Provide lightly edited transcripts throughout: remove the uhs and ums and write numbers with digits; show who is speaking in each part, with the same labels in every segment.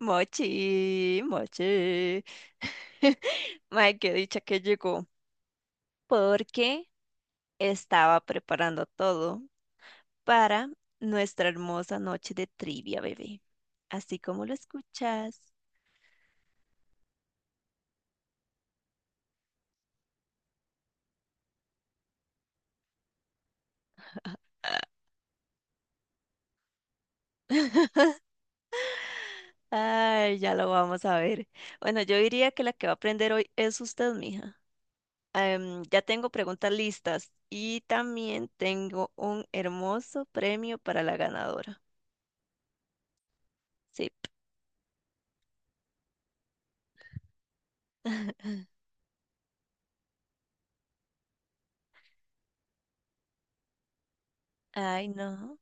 Speaker 1: Mochi, mochi. Mae, qué dicha que llegó, porque estaba preparando todo para nuestra hermosa noche de trivia, bebé. Así como lo escuchas. Ah. Ay, ya lo vamos a ver. Bueno, yo diría que la que va a aprender hoy es usted, mija. Ya tengo preguntas listas y también tengo un hermoso premio para la ganadora. Sí. Ay, no.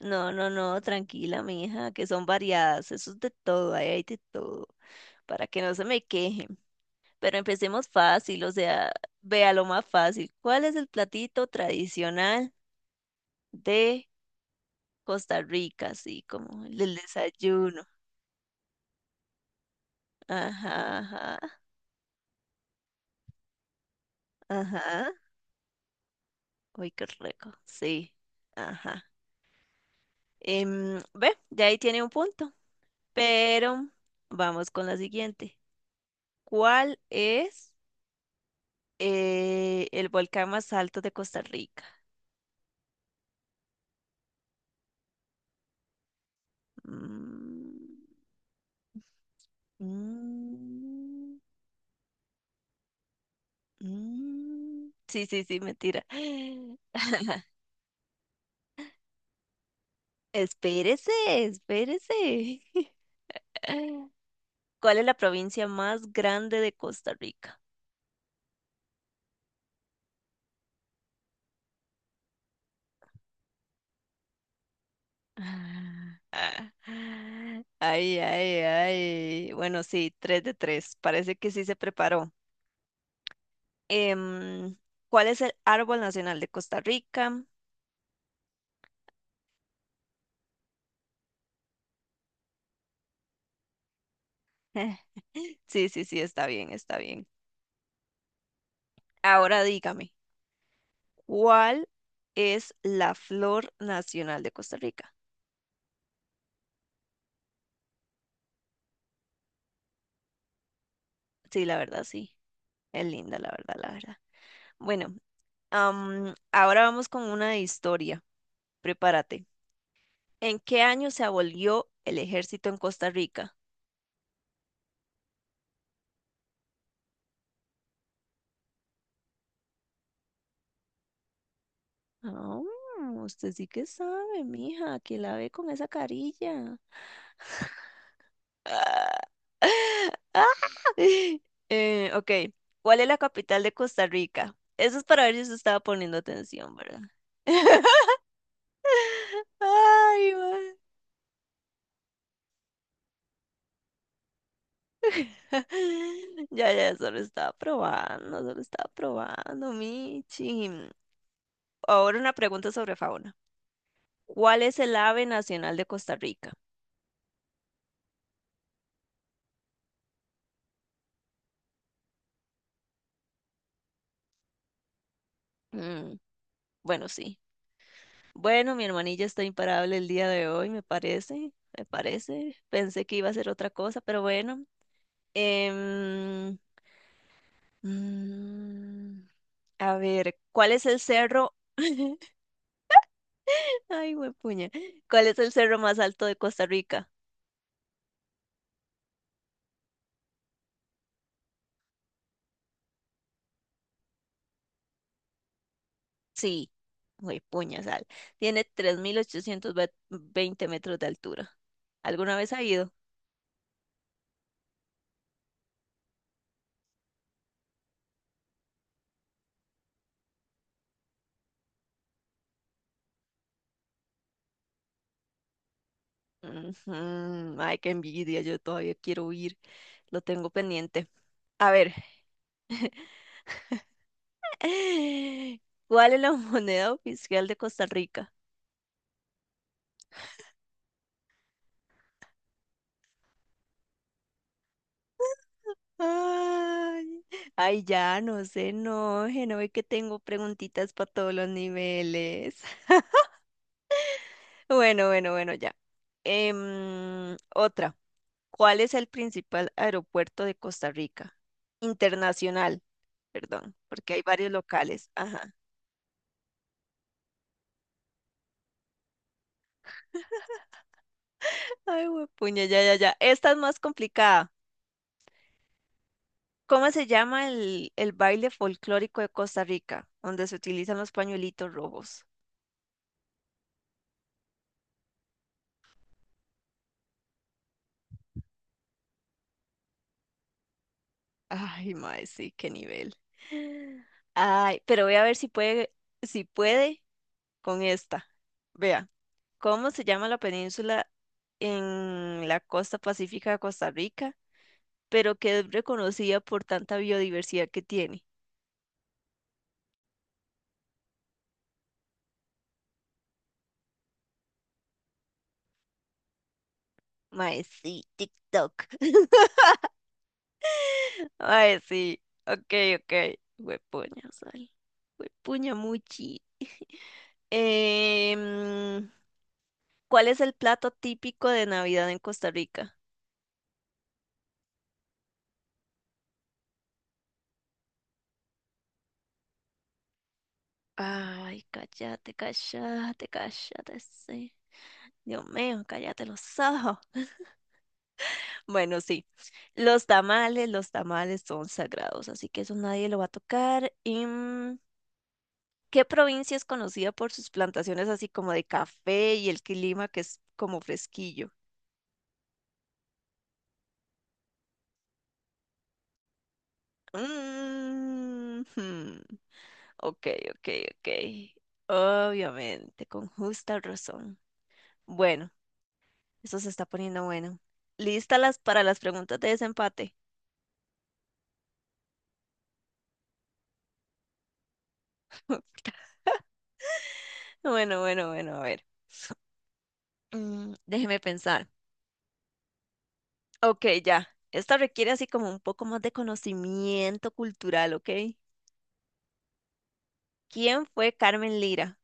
Speaker 1: No, no, no, tranquila, mija, que son variadas, eso es de todo, ahí hay de todo, para que no se me quejen. Pero empecemos fácil, o sea, vea lo más fácil. ¿Cuál es el platito tradicional de Costa Rica? Así como el del desayuno. Ajá, ajá, ajá. Uy, qué rico, sí, ajá. Ve, ya ahí tiene un punto, pero vamos con la siguiente. ¿Cuál es? El volcán más alto de Costa Rica. Mm, mm, mm. Sí, sí, sí, mentira. Espérese, espérese. ¿Cuál es la provincia más grande de Costa Rica? Ah, ah, ay, ay, ay. Bueno, sí, tres de tres. Parece que sí se preparó. Em, ¿Cuál es el árbol nacional de Costa Rica? Sí, sí, sí, está bien, está bien. Ahora dígame, ¿cuál es la flor nacional de Costa Rica? Sí, la verdad, sí. Es linda, la verdad, la verdad. Bueno, ahora vamos con una de historia. Prepárate. ¿En qué año se abolió el ejército en Costa Rica? Ah, usted sí que sabe, mija, que la ve con esa carilla. Ah, ah. Ok, ¿cuál es la capital de Costa Rica? Eso es para ver si se estaba poniendo atención, ¿verdad? Ay, man. Ya, ya, solo estaba probando, Michi. Ahora una pregunta sobre fauna. ¿Cuál es el ave nacional de Costa Rica? Mm, bueno, sí. Bueno, mi hermanilla está imparable el día de hoy, me parece, me parece. Pensé que iba a ser otra cosa, pero bueno. Em, mm, a ver, ¿cuál es el cerro? Ay, güey, puña. ¿Cuál es el cerro más alto de Costa Rica? Sí, güey, puñasal. Tiene 3820 metros de altura. ¿Alguna vez ha ido? Ujú, ay, qué envidia, yo todavía quiero ir. Lo tengo pendiente. A ver, ¿cuál es la moneda oficial de Costa Rica? Ay, ay, ya, no se enoje, no ve que tengo preguntitas para todos los niveles. Bueno, bueno, bueno, ya. Otra. ¿Cuál es el principal aeropuerto de Costa Rica? Internacional, perdón, porque hay varios locales. Ajá. Ay, puña, ya, ya, ya. Esta es más complicada. ¿Cómo se llama el baile folclórico de Costa Rica, donde se utilizan los pañuelitos rojos? Ay, mae, sí, qué nivel. Ay, pero voy a ver si puede, si puede con esta. Vea, ¿cómo se llama la península en la costa pacífica de Costa Rica? Pero que es reconocida por tanta biodiversidad que tiene. Mae, sí, TikTok. Mae, sí. Ok, ok. Huepuña, ay. Huepuña, muchi. Em, ¿cuál es el plato típico de Navidad en Costa Rica? Ay, cállate, cállate, cállate, sí. Dios mío, cállate los ojos. Bueno, sí, los tamales son sagrados, así que eso nadie lo va a tocar. ¿Qué provincia es conocida por sus plantaciones así como de café y el clima que es como fresquillo? Mm, hmm, ok, ok, ok. Obviamente, con justa razón. Bueno, eso se está poniendo bueno. ¿Lista las para las preguntas de desempate? Bueno, bueno, bueno, a ver. Déjeme pensar. Ok, ya. Esta requiere así como un poco más de conocimiento cultural, ¿ok? ¿Quién fue Carmen Lira?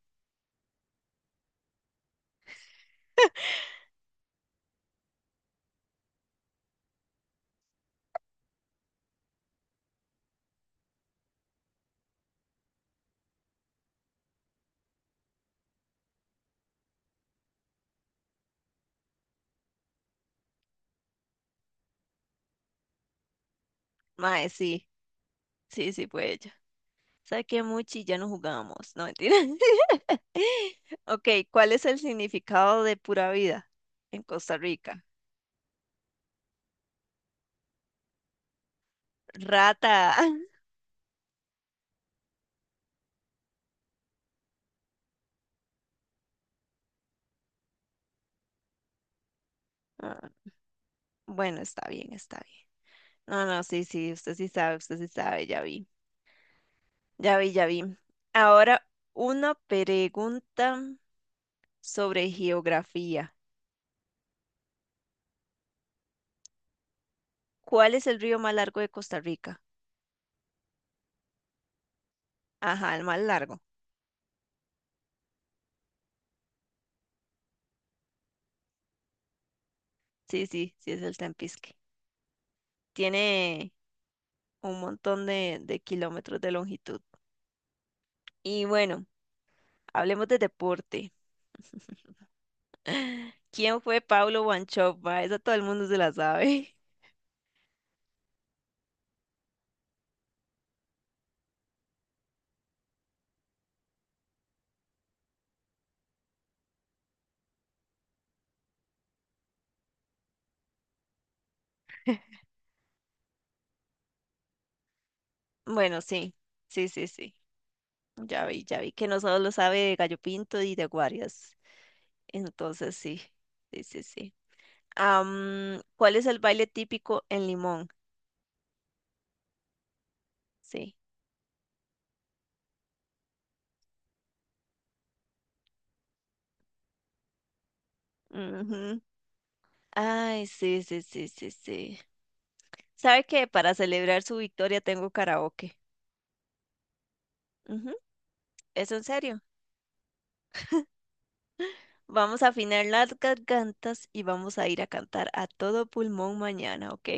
Speaker 1: Mae, sí, sí, sí, fue ella. Saquemuchi y ya no jugamos. No, mentira. Ok, ¿cuál es el significado de pura vida en Costa Rica? Rata. Ah, bueno, está bien, está bien. No, no, sí, sí, usted sí sabe, ya vi, ya vi, ya vi. Ahora, una pregunta sobre geografía. ¿Cuál es el río más largo de Costa Rica? Ajá, el más largo. Sí, sí, sí, es el Tempisque. Tiene un montón de kilómetros de longitud. Y bueno. Hablemos de deporte. ¿Quién fue Paulo Wanchope, ma? Esa todo el mundo se la sabe. Bueno, sí, sí, sí, sí. Ya vi que no solo lo sabe de gallo pinto y de guarias. Entonces sí, sí, sí, sí. ¿Cuál es el baile típico en Limón? Sí. Ujú. Ay, sí, sí, sí, sí, sí. ¿Sabe que para celebrar su victoria tengo karaoke? Ujú, ¿es en serio? Vamos a afinar las gargantas y vamos a ir a cantar a todo pulmón mañana, ¿ok?